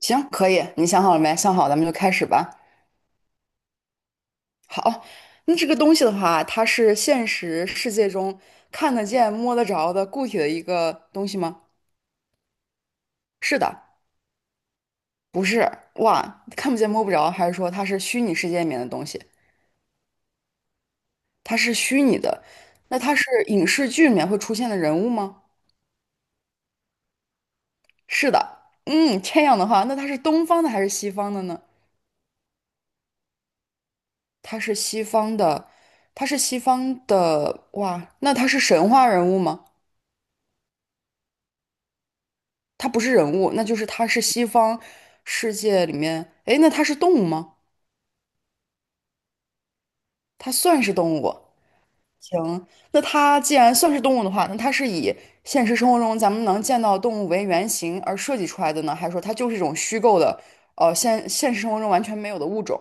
行，可以，你想好了没？想好，咱们就开始吧。好，那这个东西的话，它是现实世界中看得见、摸得着的固体的一个东西吗？是的，不是。哇，看不见、摸不着，还是说它是虚拟世界里面的东西？它是虚拟的，那它是影视剧里面会出现的人物吗？是的。嗯，这样的话，那它是东方的还是西方的呢？它是西方的，它是西方的。哇，那它是神话人物吗？它不是人物，那就是它是西方世界里面，哎，那它是动物吗？它算是动物。行，那它既然算是动物的话，那它是以现实生活中咱们能见到的动物为原型而设计出来的呢，还是说它就是一种虚构的，现实生活中完全没有的物种？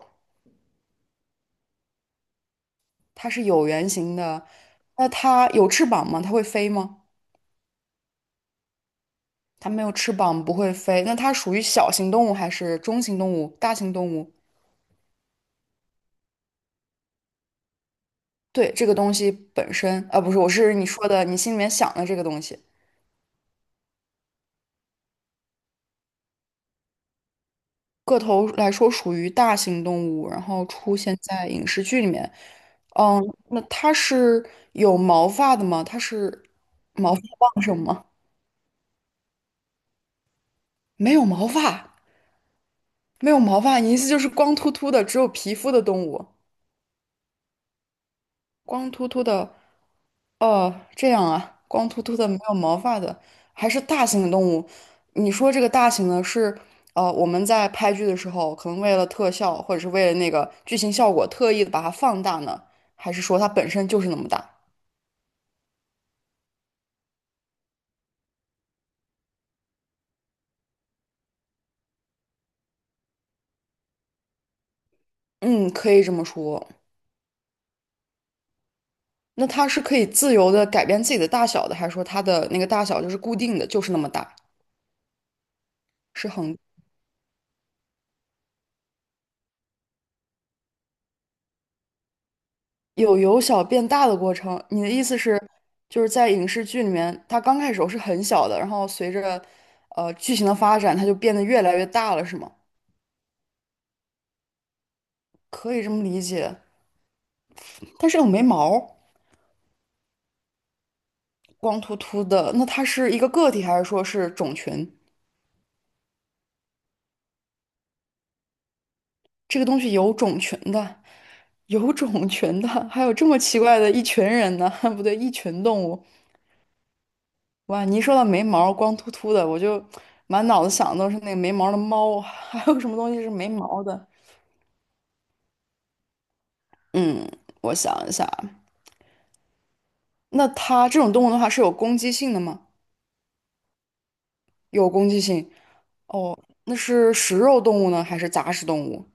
它是有原型的。那它有翅膀吗？它会飞吗？它没有翅膀，不会飞。那它属于小型动物还是中型动物、大型动物？对，这个东西本身，啊，不是，我是你说的，你心里面想的这个东西，个头来说属于大型动物，然后出现在影视剧里面。嗯，那它是有毛发的吗？它是毛发旺盛吗？没有毛发，没有毛发，你意思就是光秃秃的，只有皮肤的动物，光秃秃的。哦，这样啊，光秃秃的没有毛发的，还是大型的动物。你说这个大型的是，我们在拍剧的时候，可能为了特效或者是为了那个剧情效果，特意的把它放大呢，还是说它本身就是那么大？嗯，可以这么说。那它是可以自由的改变自己的大小的，还是说它的那个大小就是固定的，就是那么大，是恒？有由小变大的过程。你的意思是，就是在影视剧里面，它刚开始时候是很小的，然后随着剧情的发展，它就变得越来越大了，是吗？可以这么理解。但是有没毛，光秃秃的，那它是一个个体，还是说是种群？这个东西有种群的，有种群的，还有这么奇怪的一群人呢？不对，一群动物。哇，你一说到没毛、光秃秃的，我就满脑子想的都是那个没毛的猫，还有什么东西是没毛的？嗯，我想一下，那它这种动物的话是有攻击性的吗？有攻击性。哦，那是食肉动物呢，还是杂食动物？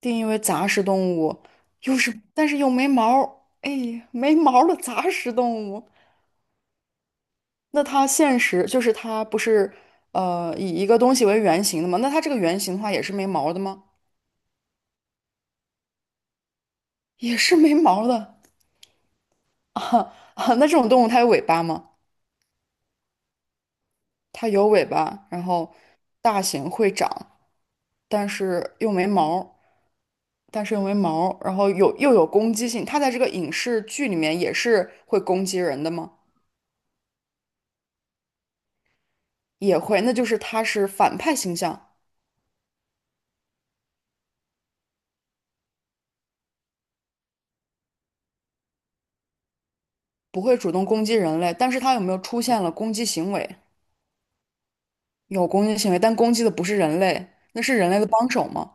定义为杂食动物，但是又没毛儿，哎，没毛儿的杂食动物。那它现实就是它不是以一个东西为原型的吗？那它这个原型的话也是没毛儿的吗？也是没毛儿的。哈啊，那这种动物它有尾巴吗？它有尾巴，然后大型会长，但是又没毛儿。但是又没毛儿然后又有攻击性，他在这个影视剧里面也是会攻击人的吗？也会，那就是他是反派形象，不会主动攻击人类，但是他有没有出现了攻击行为？有攻击行为，但攻击的不是人类，那是人类的帮手吗？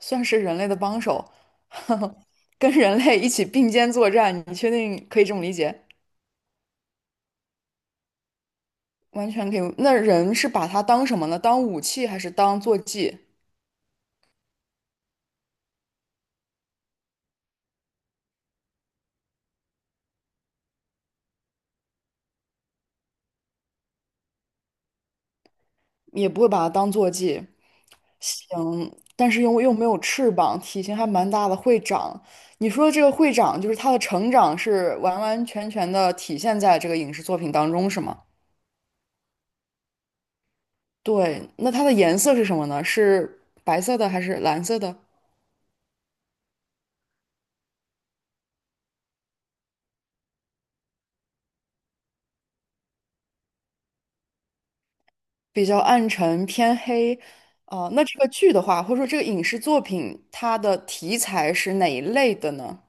算是人类的帮手，跟人类一起并肩作战，你确定可以这么理解？完全可以。那人是把它当什么呢？当武器还是当坐骑？也不会把它当坐骑，嗯，但是又没有翅膀，体型还蛮大的会长。你说这个会长，就是他的成长是完完全全的体现在这个影视作品当中，是吗？对，那它的颜色是什么呢？是白色的还是蓝色的？比较暗沉偏黑。啊、那这个剧的话，或者说这个影视作品，它的题材是哪一类的呢？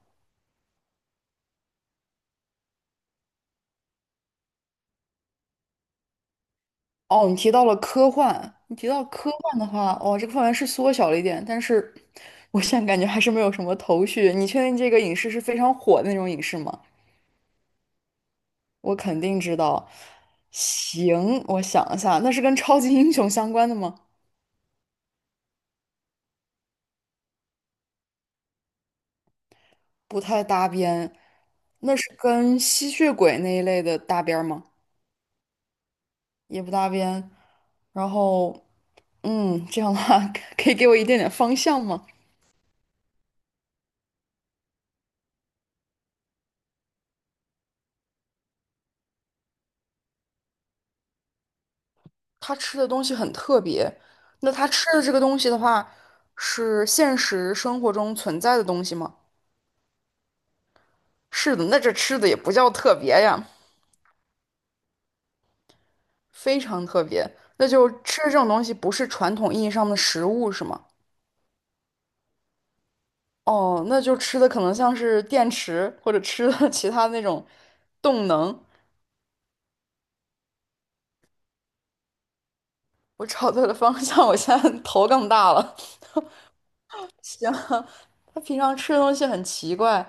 哦，你提到了科幻，你提到科幻的话，哦，这个范围是缩小了一点，但是我现在感觉还是没有什么头绪。你确定这个影视是非常火的那种影视吗？我肯定知道。行，我想一下，那是跟超级英雄相关的吗？不太搭边。那是跟吸血鬼那一类的搭边儿吗？也不搭边。然后，这样的话 可以给我一点点方向吗？他吃的东西很特别。那他吃的这个东西的话，是现实生活中存在的东西吗？是的，那这吃的也不叫特别呀，非常特别。那就吃这种东西不是传统意义上的食物是吗？哦，那就吃的可能像是电池或者吃的 其他那种动能。我找对了方向，我现在头更大了。行，他平常吃的东西很奇怪，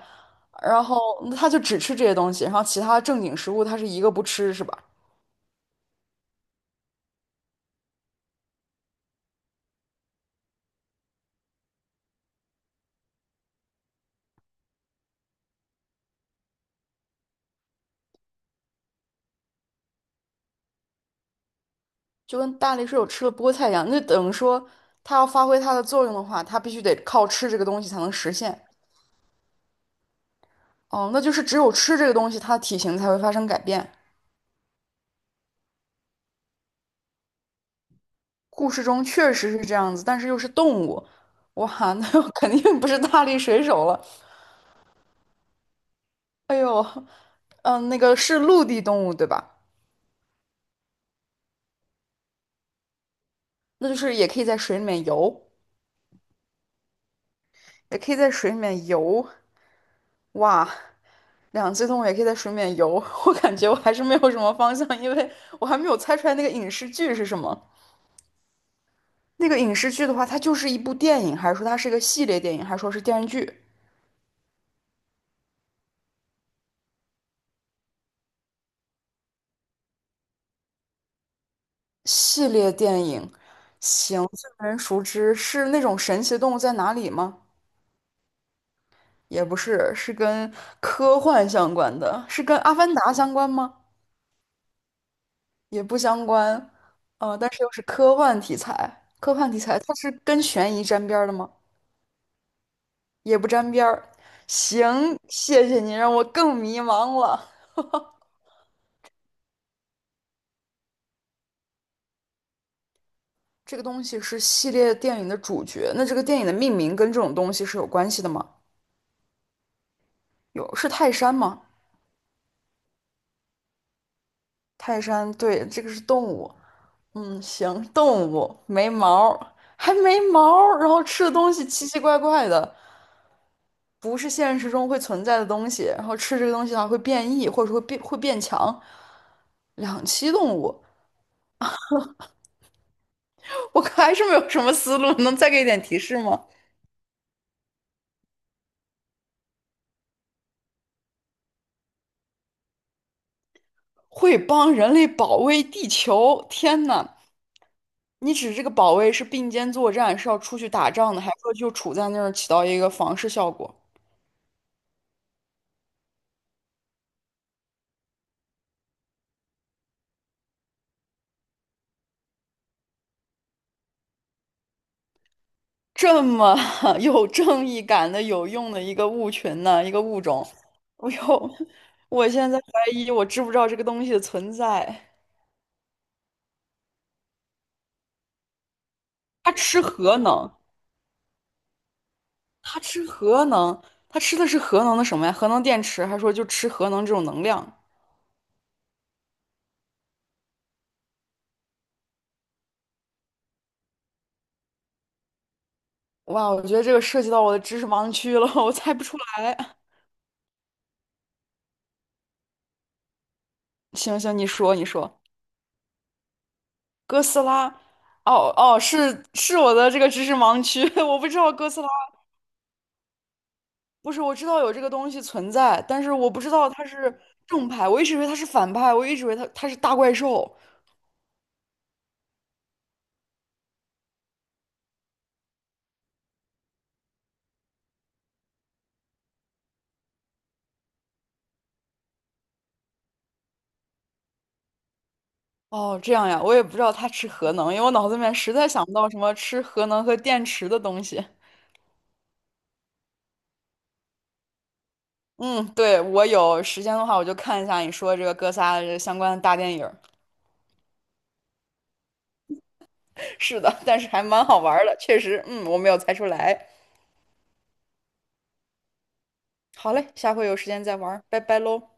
然后他就只吃这些东西，然后其他正经食物他是一个不吃，是吧？就跟大力水手吃了菠菜一样，那等于说他要发挥它的作用的话，他必须得靠吃这个东西才能实现。哦，那就是只有吃这个东西，它的体型才会发生改变。故事中确实是这样子，但是又是动物，哇，那我肯定不是大力水手了。哎呦，那个是陆地动物，对吧？那就是也可以在水里面游。也可以在水里面游。哇，两栖动物也可以在水里面游，我感觉我还是没有什么方向，因为我还没有猜出来那个影视剧是什么。那个影视剧的话，它就是一部电影，还是说它是一个系列电影，还是说是电视剧？系列电影，行，最为人熟知是那种神奇的动物在哪里吗？也不是，是跟科幻相关的，是跟《阿凡达》相关吗？也不相关，但是又是科幻题材，科幻题材它是跟悬疑沾边儿的吗？也不沾边儿。行，谢谢你让我更迷茫了。这个东西是系列电影的主角，那这个电影的命名跟这种东西是有关系的吗？有，是泰山吗？泰山，对，这个是动物。嗯，行，动物没毛儿，还没毛儿，然后吃的东西奇奇怪怪的，不是现实中会存在的东西，然后吃这个东西的话会变异，或者说会变强。两栖动物，我还是没有什么思路，能再给一点提示吗？会帮人类保卫地球。天呐，你指这个保卫是并肩作战，是要出去打仗的，还是说就处在那儿起到一个防御效果？这么 有正义感的、有用的一个物群呢，一个物种，我呦，我现在怀疑我知不知道这个东西的存在。它吃核能，它吃核能，它吃的是核能的什么呀？核能电池，还说就吃核能这种能量？哇，我觉得这个涉及到我的知识盲区了，我猜不出来。行行，你说你说，哥斯拉，哦哦，是我的这个知识盲区，我不知道哥斯拉，不是我知道有这个东西存在，但是我不知道它是正派，我一直以为它是反派，我一直以为它是大怪兽。哦，这样呀，我也不知道它吃核能，因为我脑子里面实在想不到什么吃核能和电池的东西。嗯，对，我有时间的话，我就看一下你说这个哥斯拉的这相关的大电影儿 是的，但是还蛮好玩儿的，确实，嗯，我没有猜出来。好嘞，下回有时间再玩儿拜拜喽。